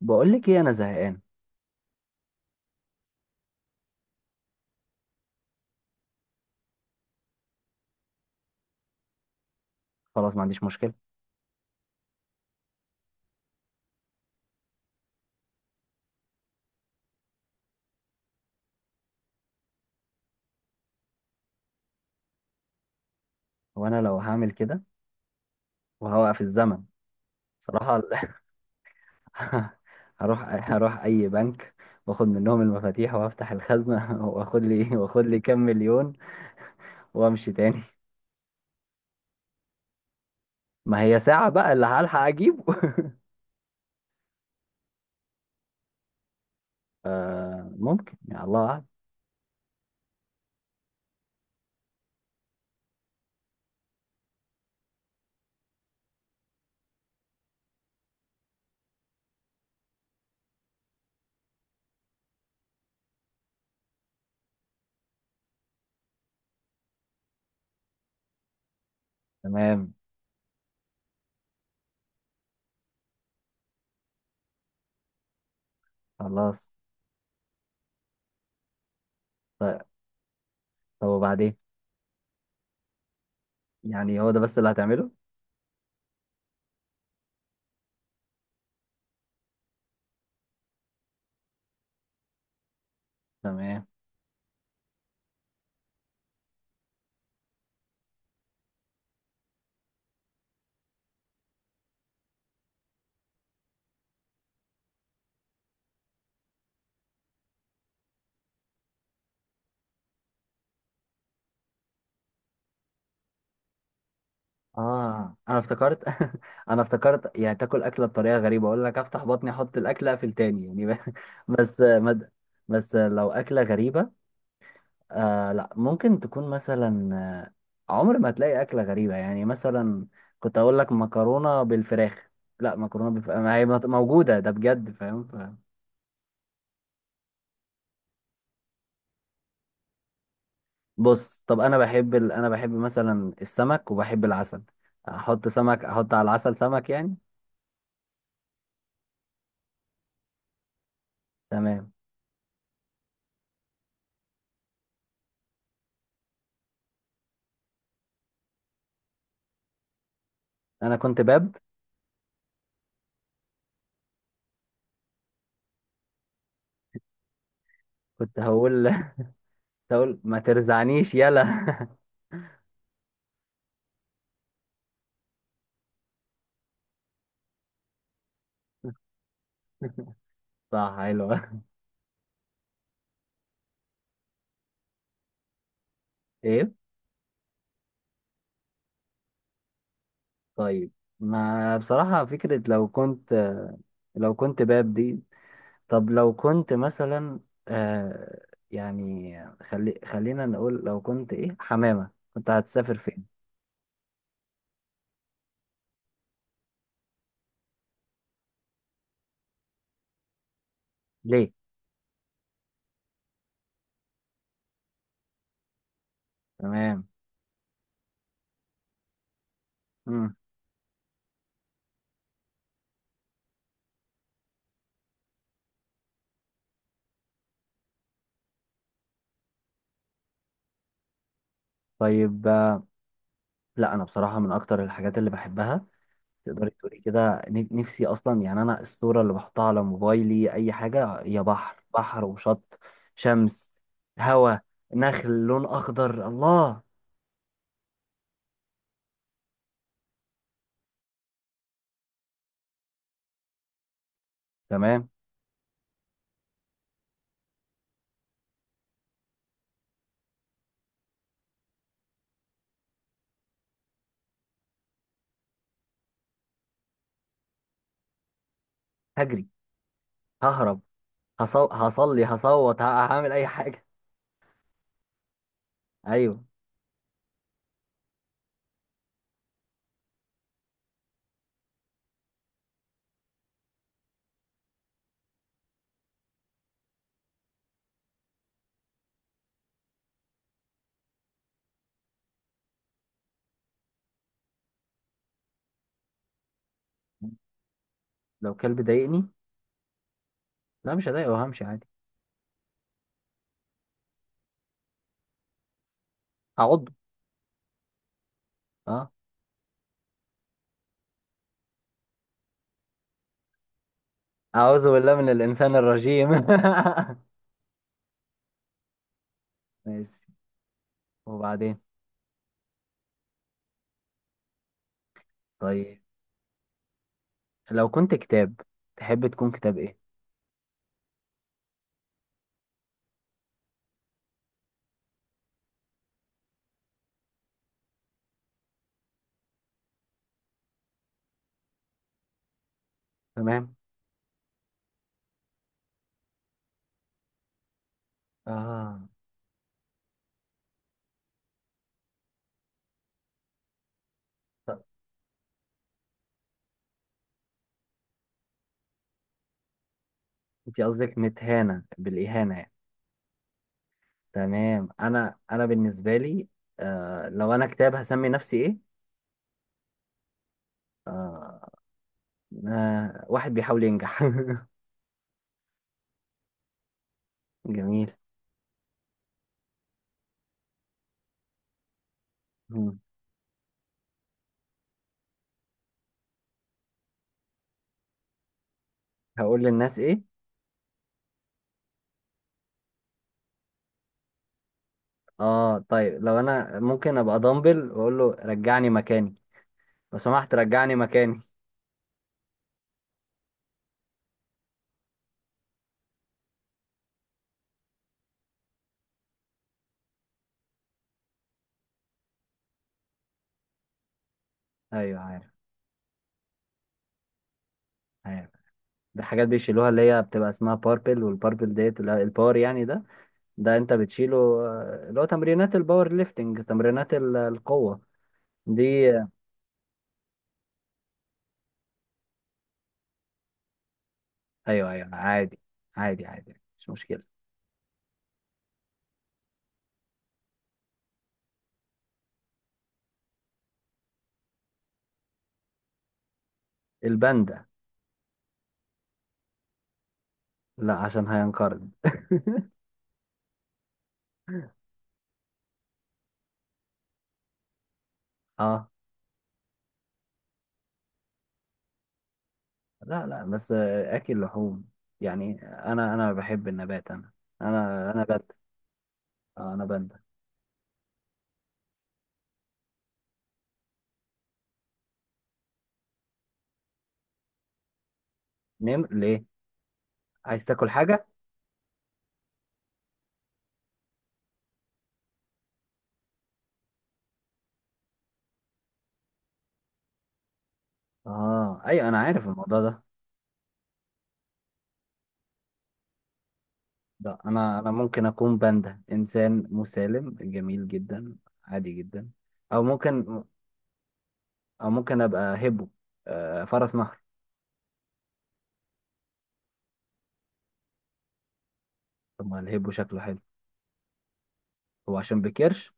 بقول لك ايه، انا زهقان. خلاص، ما عنديش مشكله. وانا لو هعمل كده وهوقف الزمن صراحه، هروح اي بنك، واخد منهم المفاتيح وافتح الخزنه واخد لي كام مليون، وامشي تاني. ما هي ساعه بقى اللي هلحق اجيبه. آه ممكن، يا الله أعلم. تمام. خلاص. طيب، طب وبعدين؟ يعني هو ده بس اللي هتعمله؟ تمام. اه انا افتكرت. انا افتكرت يعني تاكل اكله بطريقه غريبه، اقول لك افتح بطني احط الاكله اقفل تاني يعني بس مد... بس لو اكله غريبه. لا، ممكن تكون مثلا، عمر ما هتلاقي اكله غريبه، يعني مثلا كنت اقول لك مكرونه بالفراخ، لا مكرونه بالفراخ ما هي موجوده ده بجد، فاهم بص. طب انا بحب انا بحب مثلا السمك وبحب العسل، احط سمك احط على العسل سمك يعني. تمام، انا كنت باب. كنت هقول تقول ما ترزعنيش يلا. صح، حلوة. ايه؟ طيب، ما بصراحة فكرة لو كنت، لو كنت باب دي. طب لو كنت مثلا، يعني خلينا نقول لو كنت ايه، حمامة، كنت هتسافر فين؟ ليه؟ تمام. مم. طيب، لا انا بصراحة من اكتر الحاجات اللي بحبها، تقدري تقولي كده، نفسي اصلا يعني، انا الصوره اللي بحطها على موبايلي اي حاجه هي بحر، بحر وشط، شمس، هوا، نخل، لون اخضر، الله. تمام. هجري، ههرب، هصلي، هصوت، هعمل اي حاجه. ايوه. لو كلب ضايقني، لا مش هضايقه وهمشي عادي. هعضه، اه. اعوذ بالله من الانسان الرجيم. ماشي، وبعدين؟ طيب لو كنت كتاب، تحب تكون كتاب ايه؟ تمام. اه، انت قصدك متهانة بالإهانة يعني. تمام، أنا بالنسبة لي، آه لو أنا كتاب هسمي نفسي إيه؟ آه، آه، واحد بيحاول ينجح. جميل. مم. هقول للناس إيه؟ آه طيب، لو أنا ممكن أبقى دامبل وأقول له رجعني مكاني، لو سمحت رجعني مكاني. أيوه عارف، عارف. دي حاجات بيشيلوها اللي هي بتبقى اسمها باربل، والباربل ديت اللي هو الباور يعني، ده ده انت بتشيله، آه، اللي هو تمرينات الباور ليفتنج، تمرينات القوة دي. ايوه ايوه، عادي، عادي عادي مش مشكله. الباندا. لا عشان هينقرض. اه، لا لا، بس اكل لحوم، يعني انا بحب النبات، انا باندا. آه انا باندا. نم ليه؟ عايز تاكل حاجه؟ اه ايوه انا عارف الموضوع ده. لا، انا ممكن اكون باندا، انسان مسالم جميل جدا، عادي جدا. او ممكن، او ممكن ابقى هبو، آه فرس نهر. طب ما الهبو شكله حلو، هو عشان بكرش.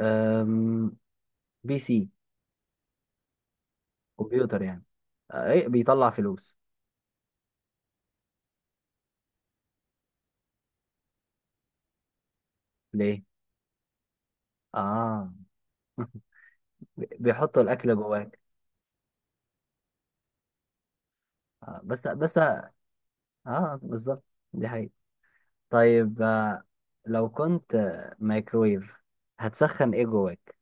ايوه، بي سي. كمبيوتر يعني، آه، ايه بيطلع فلوس. ليه؟ اه. بيحطوا الاكل جواك. آه بس بس اه بالظبط، دي حقيقة. طيب، آه لو كنت مايكرويف، هتسخن ايه جواك؟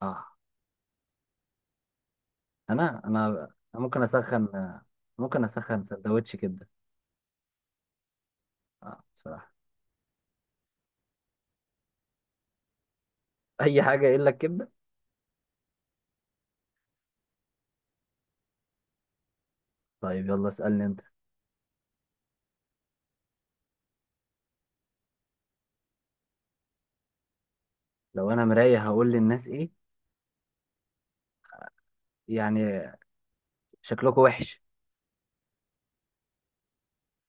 اه، انا ممكن اسخن، ممكن اسخن سندوتش كبده، اه بصراحه. اي حاجه الا الكبده. طيب يلا اسالني انت. لو انا مرايه هقول للناس ايه؟ يعني شكلكوا وحش.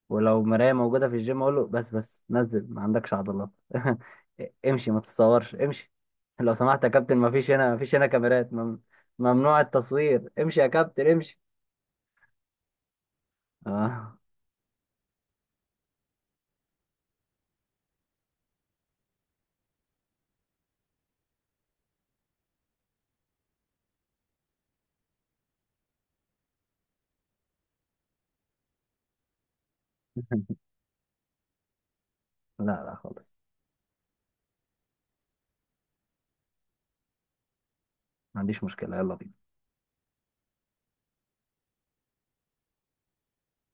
ولو مراية موجودة في الجيم أقول له بس نزل ما عندكش عضلات. امشي، ما تتصورش، امشي، لو سمحت يا كابتن، ما فيش هنا، ما فيش هنا كاميرات، ممنوع التصوير، امشي يا كابتن امشي. آه. لا لا خالص. ما عنديش مشكلة، يلا بينا.